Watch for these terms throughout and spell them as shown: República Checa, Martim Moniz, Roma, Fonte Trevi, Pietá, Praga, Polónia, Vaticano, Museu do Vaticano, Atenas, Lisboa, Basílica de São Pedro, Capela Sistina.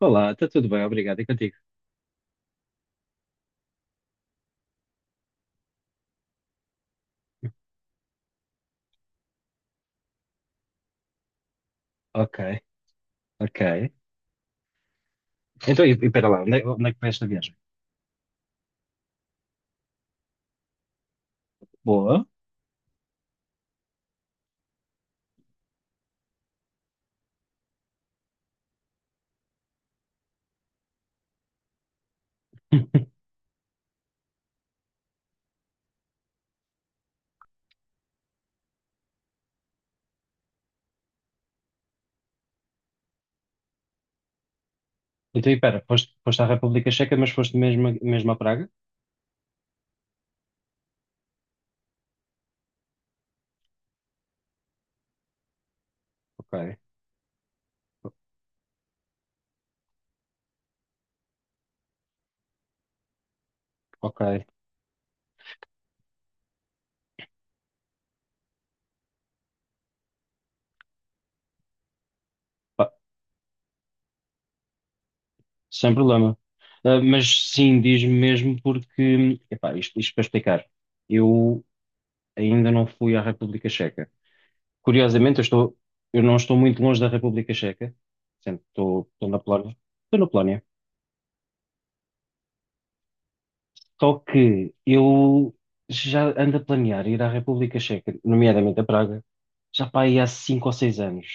Olá, está tudo bem, obrigado. E contigo? Ok, ok. Então, e pera lá, onde é que foi esta viagem? Boa. Então, e pera, foste à República Checa, mas foste mesmo, mesmo a Praga? Ok, ok. Pá, sem problema. Ah, mas sim, diz-me mesmo porque, epá, isto para explicar, eu ainda não fui à República Checa. Curiosamente, eu não estou muito longe da República Checa, sempre estou na Polónia. Estou na Polónia. Só que eu já ando a planear ir à República Checa, nomeadamente a Praga, já para aí há 5 ou 6 anos.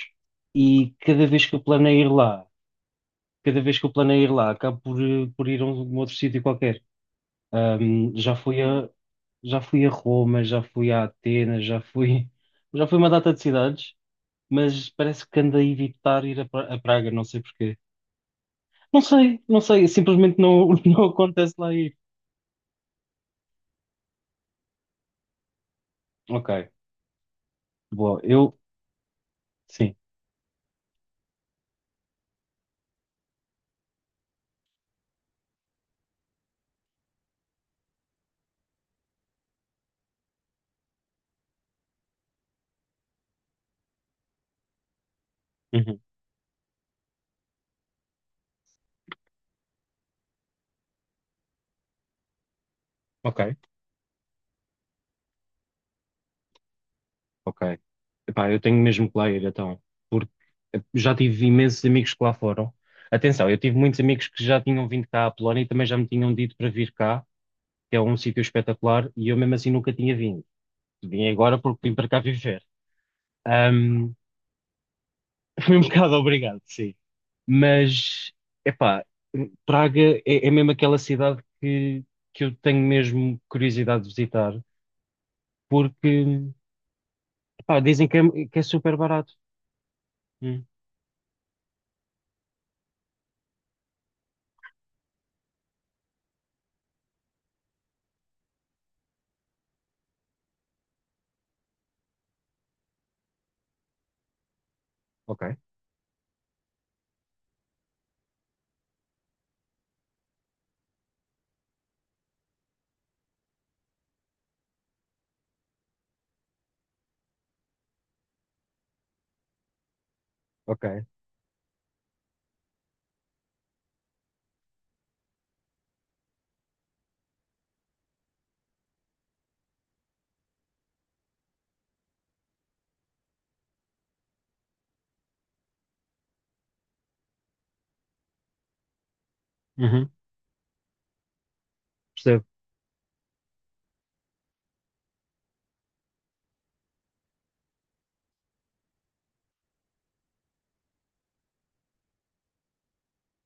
E cada vez que eu planeio ir lá, acabo por, por ir a um outro sítio qualquer. Ahm, já fui a, já fui a Roma, já fui a Atenas, já fui, já fui a uma data de cidades, mas parece que ando a evitar ir a Praga, não sei porquê. Não sei, simplesmente não, não acontece lá ir. Ok, boa, sim. Uhum. Ok. Ok. Epá, eu tenho mesmo que lá ir então, porque já tive imensos amigos que lá foram. Atenção, eu tive muitos amigos que já tinham vindo cá à Polónia e também já me tinham dito para vir cá, que é um sítio espetacular, e eu mesmo assim nunca tinha vindo. Vim agora porque vim para cá viver. Ahm, fui um bocado obrigado, sim. Mas, epá, Praga é mesmo aquela cidade que eu tenho mesmo curiosidade de visitar, porque, epá, dizem que é super barato. Hum, ok, ok. Uhum. Percebo,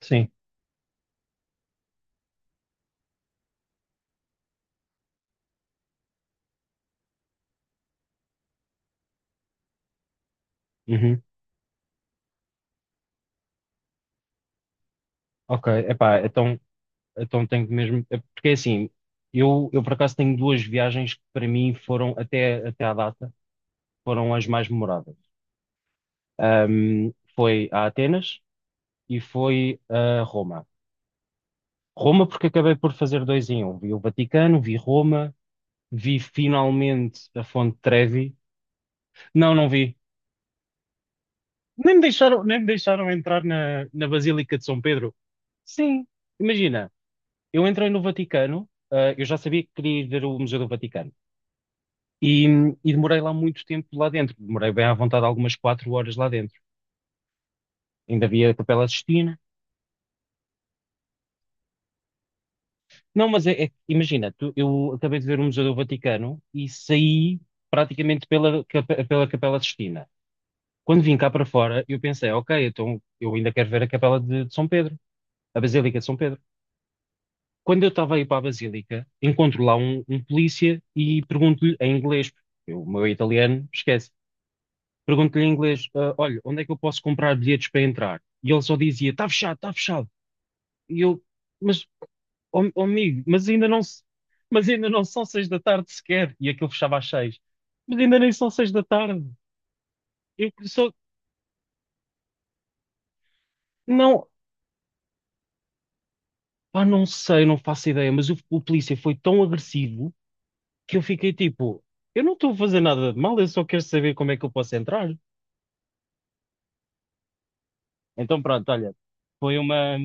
sim. Uhum. Ok, epá, então tenho que mesmo. É porque é assim, eu por acaso tenho duas viagens que para mim foram, até à data, foram as mais memoráveis. Foi a Atenas e foi a Roma. Roma, porque acabei por fazer dois em um. Vi o Vaticano, vi Roma, vi finalmente a Fonte Trevi. Não, não vi. Nem me deixaram entrar na Basílica de São Pedro. Sim, imagina. Eu entrei no Vaticano, eu já sabia que queria ir ver o Museu do Vaticano. E, e demorei lá muito tempo lá dentro. Demorei bem à vontade algumas 4 horas lá dentro. Ainda havia a Capela Sistina. Não, mas imagina, eu acabei de ver o Museu do Vaticano e saí praticamente pela Capela Sistina. Quando vim cá para fora, eu pensei, ok, então eu ainda quero ver a Capela de São Pedro, a Basílica de São Pedro. Quando eu estava a ir para a Basílica, encontro lá um polícia e pergunto-lhe em inglês, porque o meu italiano esquece. Pergunto-lhe em inglês, "Ah, olha, onde é que eu posso comprar bilhetes para entrar?" E ele só dizia, está fechado, está fechado. E eu, mas, ó ó, amigo, mas ainda não, mas ainda não são 6 da tarde sequer. E aquilo fechava às 6. Mas ainda nem são 6 da tarde. Eu só, não, pá, não sei, não faço ideia, mas o polícia foi tão agressivo que eu fiquei tipo, eu não estou a fazer nada de mal, eu só quero saber como é que eu posso entrar. Então pronto, olha, foi uma,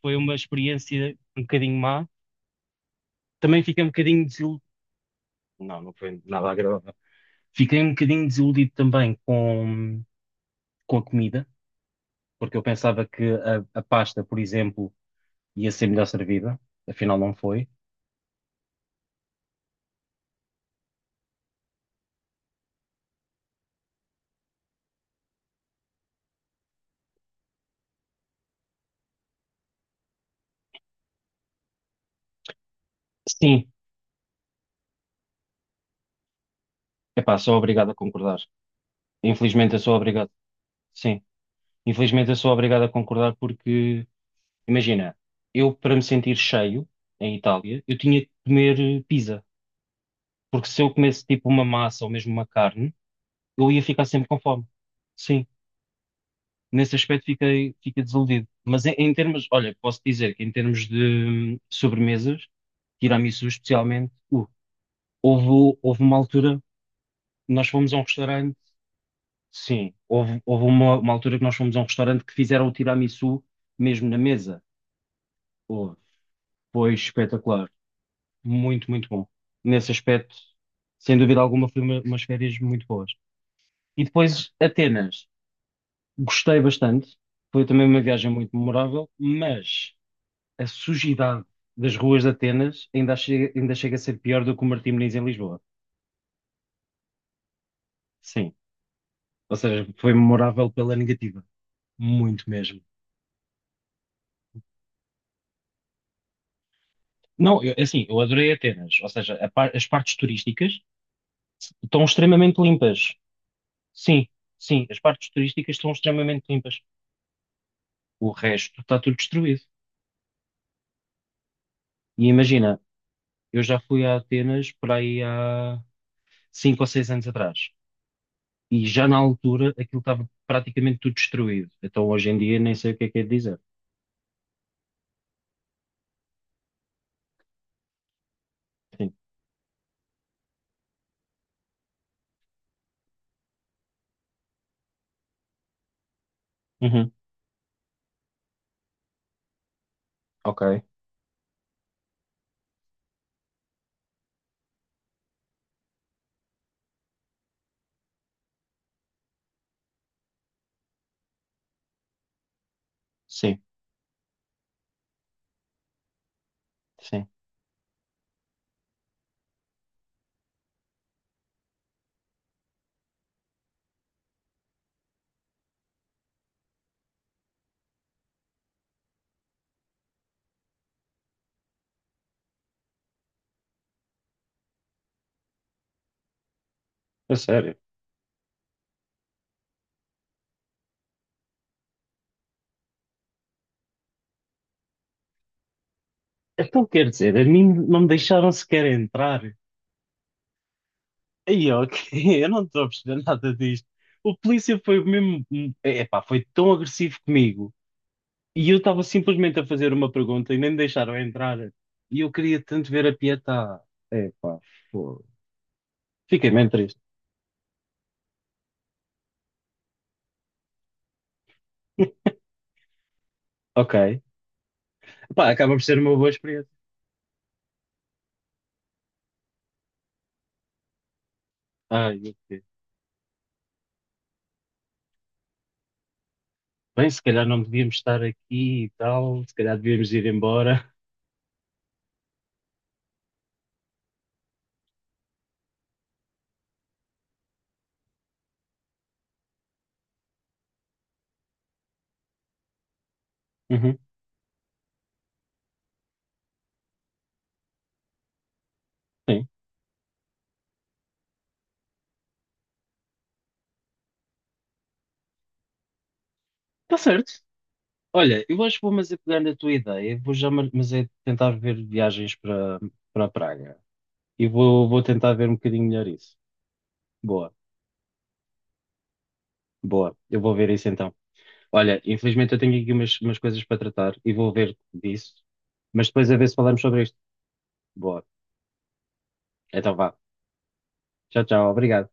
foi uma experiência um bocadinho má. Também fiquei um bocadinho desiludido. Não, não foi nada agradável. Fiquei um bocadinho desiludido também com a comida, porque eu pensava que a pasta, por exemplo, ia ser melhor servida. Afinal, não foi. Sim, epá, sou obrigado a concordar. Infelizmente, eu sou obrigado. Sim, infelizmente, eu sou obrigado a concordar porque, imagina, eu para me sentir cheio em Itália, eu tinha que comer pizza. Porque se eu comesse tipo uma massa ou mesmo uma carne, eu ia ficar sempre com fome. Sim, nesse aspecto fiquei desiludido. Mas em termos, olha, posso dizer que em termos de sobremesas, tiramisu especialmente, houve uma altura, nós fomos a um restaurante, sim, houve uma altura que nós fomos a um restaurante que fizeram o tiramisu mesmo na mesa. Houve. Foi espetacular. Muito, muito bom. Nesse aspecto, sem dúvida alguma, foi umas férias muito boas. E depois, Atenas. Gostei bastante. Foi também uma viagem muito memorável, mas a sujidade das ruas de Atenas ainda chega a ser pior do que o Martim Moniz em Lisboa. Sim. Ou seja, foi memorável pela negativa. Muito mesmo. Não, é assim, eu adorei Atenas. Ou seja, as partes turísticas estão extremamente limpas. Sim, sim, as partes turísticas estão extremamente limpas. O resto está tudo destruído. E imagina, eu já fui a Atenas por aí há 5 ou 6 anos atrás. E já na altura aquilo estava praticamente tudo destruído. Então hoje em dia nem sei o que é de dizer. Sim. Uhum. Ok. Sim, sim. A sério. Então quer dizer, a mim não me deixaram sequer entrar. Aí, ok, eu não estou a perceber nada disto. O polícia foi mesmo, epá, foi tão agressivo comigo. E eu estava simplesmente a fazer uma pergunta e nem me deixaram entrar. E eu queria tanto ver a Pietá. Epá, fogo. Fiquei mesmo triste. Ok. Epá, acaba por ser uma boa experiência. Ai, bem, se calhar não devíamos estar aqui e tal, se calhar devíamos ir embora. Uhum, sim, está certo. Olha, eu acho que vou, mas é pegar na tua ideia, vou já, mas é tentar ver viagens para Praga e vou tentar ver um bocadinho melhor isso. Boa, boa, eu vou ver isso então. Olha, infelizmente eu tenho aqui umas coisas para tratar e vou ver disso, mas depois a ver se falamos sobre isto. Boa, então vá. Tchau, tchau, obrigado.